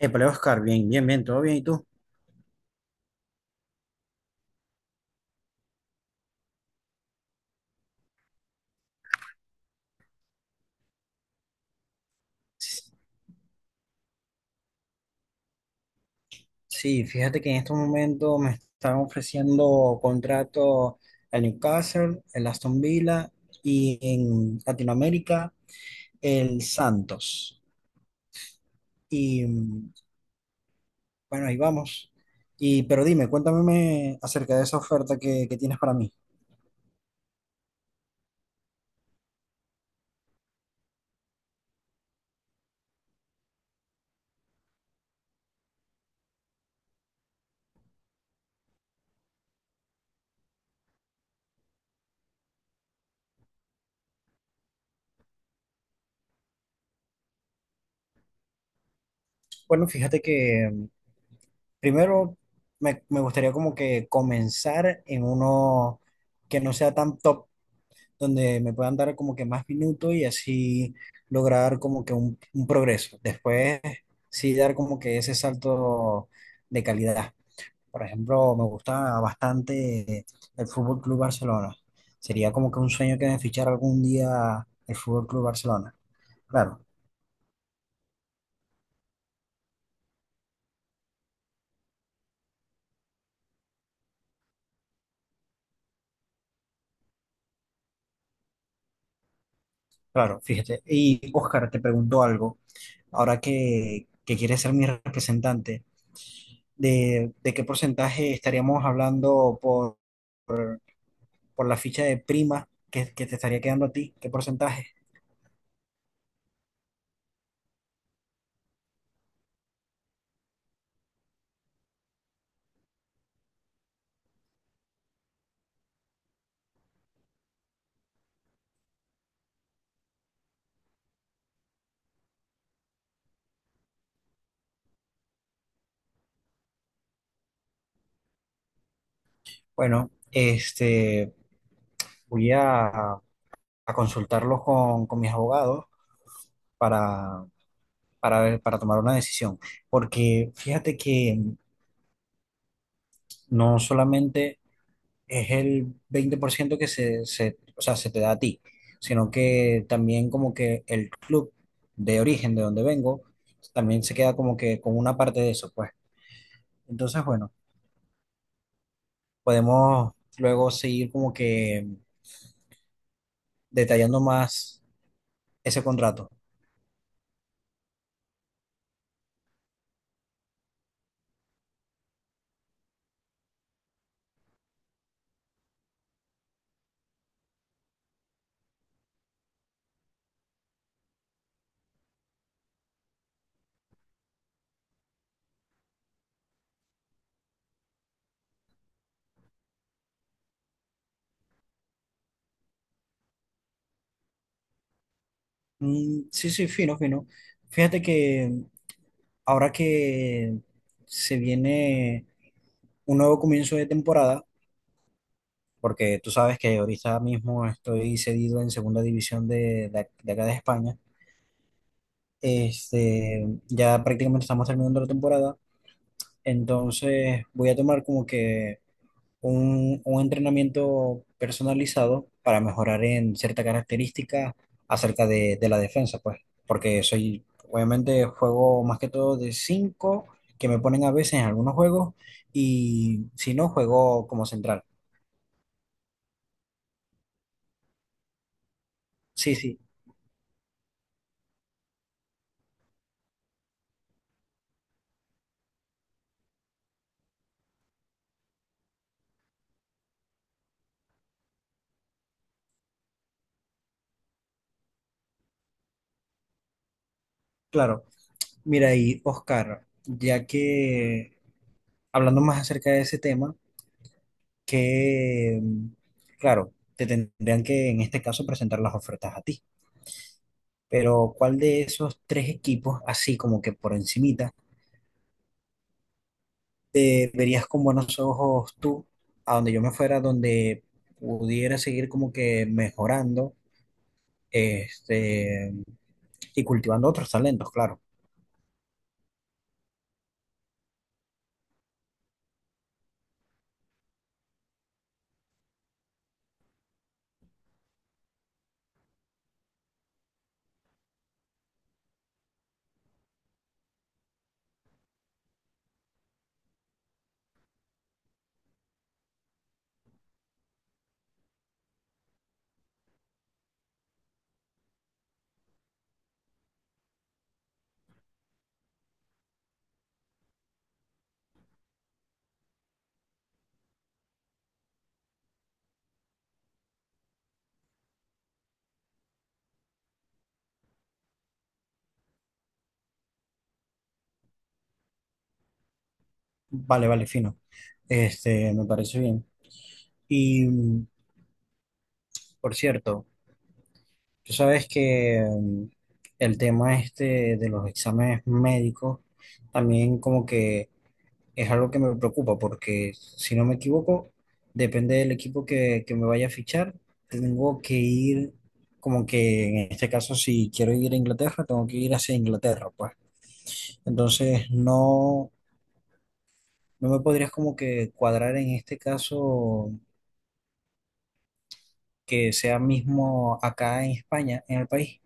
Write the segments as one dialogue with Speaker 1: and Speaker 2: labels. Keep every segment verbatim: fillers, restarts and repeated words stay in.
Speaker 1: Épale, Oscar, bien, bien, bien, todo bien, ¿y tú? Sí, fíjate que en estos momentos me están ofreciendo contrato el Newcastle, el Aston Villa y en Latinoamérica el Santos. Y mm, bueno, ahí vamos. Y, pero dime, cuéntame me- acerca de esa oferta que, que tienes para mí. Bueno, fíjate que mm, primero me, me gustaría como que comenzar en uno que no sea tan top, donde me puedan dar como que más minutos, y así lograr como que un, un progreso. Después sí dar como que ese salto de calidad. Por ejemplo, me gusta bastante el Fútbol Club Barcelona. Sería como que un sueño que me fichara algún día el Fútbol Club Barcelona. Claro, claro, fíjate. Y Óscar, te pregunto algo. Ahora que, que quieres ser mi representante, ¿de, de qué porcentaje estaríamos hablando por por la ficha de prima que, que te estaría quedando a ti? ¿Qué porcentaje? Bueno, este, voy a, a consultarlo con, con mis abogados para, para ver- para tomar una decisión, porque fíjate que no solamente es el veinte por ciento que se, se, o sea, se te da a ti, sino que también como que el club de origen de donde vengo, también se queda como que con una parte de eso, pues. Entonces, bueno, podemos luego seguir como que detallando más ese contrato. Mm, sí, sí, fino, fino. Fíjate que ahora que se viene un nuevo comienzo de temporada, porque tú sabes que ahorita mismo estoy cedido en segunda división de, de, de acá de España. Este, ya prácticamente estamos terminando la temporada, entonces voy a tomar como que un, un entrenamiento personalizado para mejorar en cierta característica acerca de, de la defensa, pues, porque soy, obviamente, juego más que todo de cinco, que me ponen a veces en algunos juegos, y si no, juego como central. Sí, sí, claro. Mira, y Oscar, ya que hablando más acerca de ese tema, que, claro, te tendrían que en este caso presentar las ofertas a ti. Pero ¿cuál de esos tres equipos, así como que por encimita, te verías con buenos ojos tú, a donde yo me fuera, donde pudiera seguir como que mejorando, este, y cultivando otros talentos? Claro. Vale, vale, fino. Este, me parece bien. Y mm, por cierto, tú sabes que mm, el tema este de los exámenes médicos también como que es algo que me preocupa porque, si no me equivoco, depende del equipo que, que me vaya a fichar, tengo que ir, como que en este caso, si quiero ir a Inglaterra, tengo que ir hacia Inglaterra, pues. Entonces, no, no me podrías como que cuadrar en este caso que sea mismo acá en España, en el país.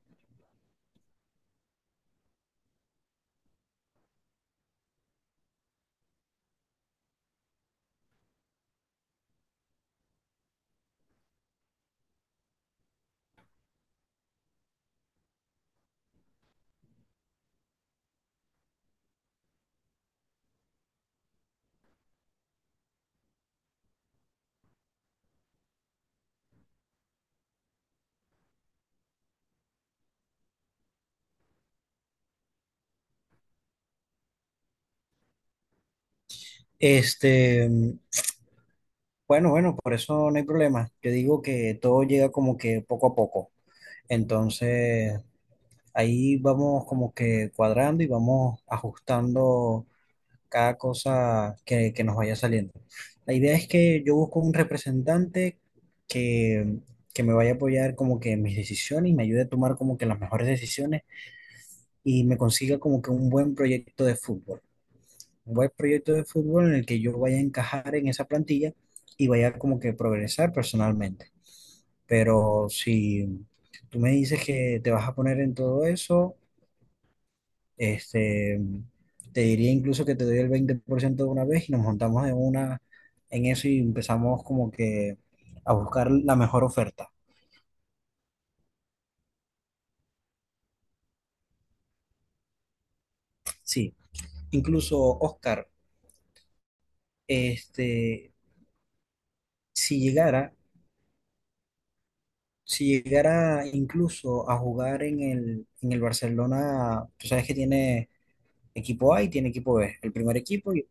Speaker 1: Este, bueno, bueno, por eso no hay problema. Yo digo que todo llega como que poco a poco. Entonces, ahí vamos como que cuadrando y vamos ajustando cada cosa que, que nos vaya saliendo. La idea es que yo busco un representante que, que me vaya a apoyar como que en mis decisiones y me ayude a tomar como que las mejores decisiones y me consiga como que un buen proyecto de fútbol. Un buen proyecto de fútbol en el que yo vaya a encajar en esa plantilla y vaya como que progresar personalmente. Pero si tú me dices que te vas a poner en todo eso, este, te diría incluso que te doy el veinte por ciento de una vez y nos montamos en una, en eso, y empezamos como que a buscar la mejor oferta. Sí, incluso Oscar, este, si llegara, si llegara incluso a jugar en el, en el Barcelona, tú sabes que tiene equipo A y tiene equipo B, el primer equipo, y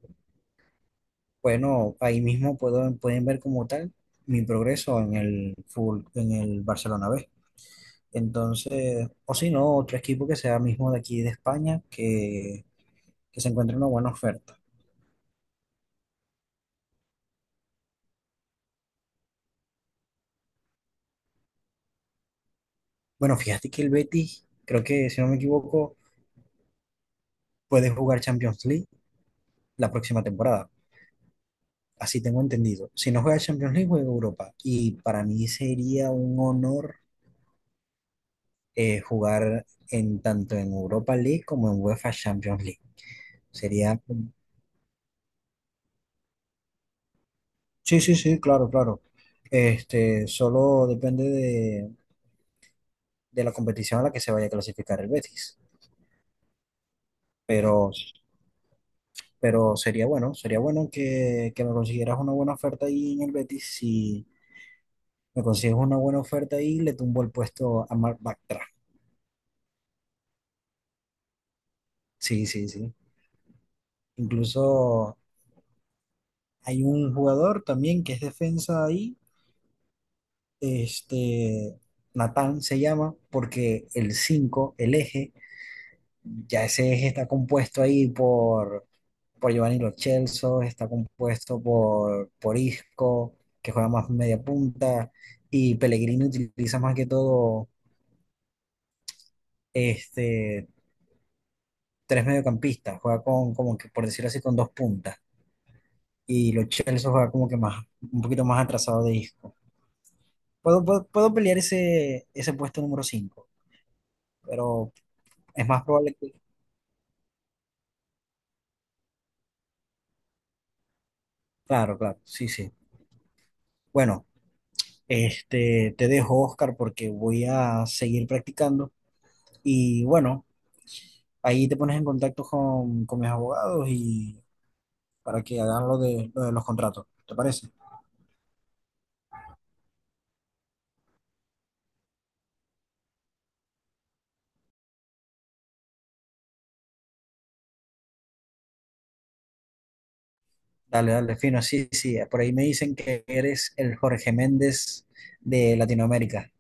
Speaker 1: bueno, ahí mismo puedo, pueden ver como tal mi progreso en el full, en el Barcelona B. Entonces, o si no, otro equipo que sea mismo de aquí de España, que, que se encuentre una buena oferta. Bueno, fíjate que el Betis, creo que si no me equivoco, puede jugar Champions League la próxima temporada. Así tengo entendido. Si no juega Champions League, juega Europa. Y para mí sería un honor, eh, jugar en tanto en Europa League como en UEFA Champions League. Sería... Sí, sí, sí, claro, claro. Este, solo depende de, de la competición a la que se vaya a clasificar el Betis. pero, pero sería bueno, sería bueno que, que me consiguieras una buena oferta ahí en el Betis. Si me consigues una buena oferta ahí, le tumbo el puesto a Mark Bartra. Sí, sí, sí. Incluso hay un jugador también que es defensa ahí, este, Natán se llama, porque el cinco, el eje, ya ese eje está compuesto ahí por por Giovanni Lo Celso, está compuesto por, por Isco, que juega más media punta, y Pellegrini utiliza más que todo, este, tres mediocampistas, juega con, como que, por decirlo así, con dos puntas, y Lo Celso juega como que más, un poquito más atrasado de Isco. Puedo, puedo, puedo pelear ese, ese puesto número cinco, pero es más probable que... Claro, claro, sí, sí. Bueno, este, te dejo, Oscar, porque voy a seguir practicando. Y bueno, ahí te pones en contacto con, con mis abogados y para que hagan lo de, lo de los contratos. ¿Te parece? Dale, dale, fino. Sí, sí. Por ahí me dicen que eres el Jorge Méndez de Latinoamérica.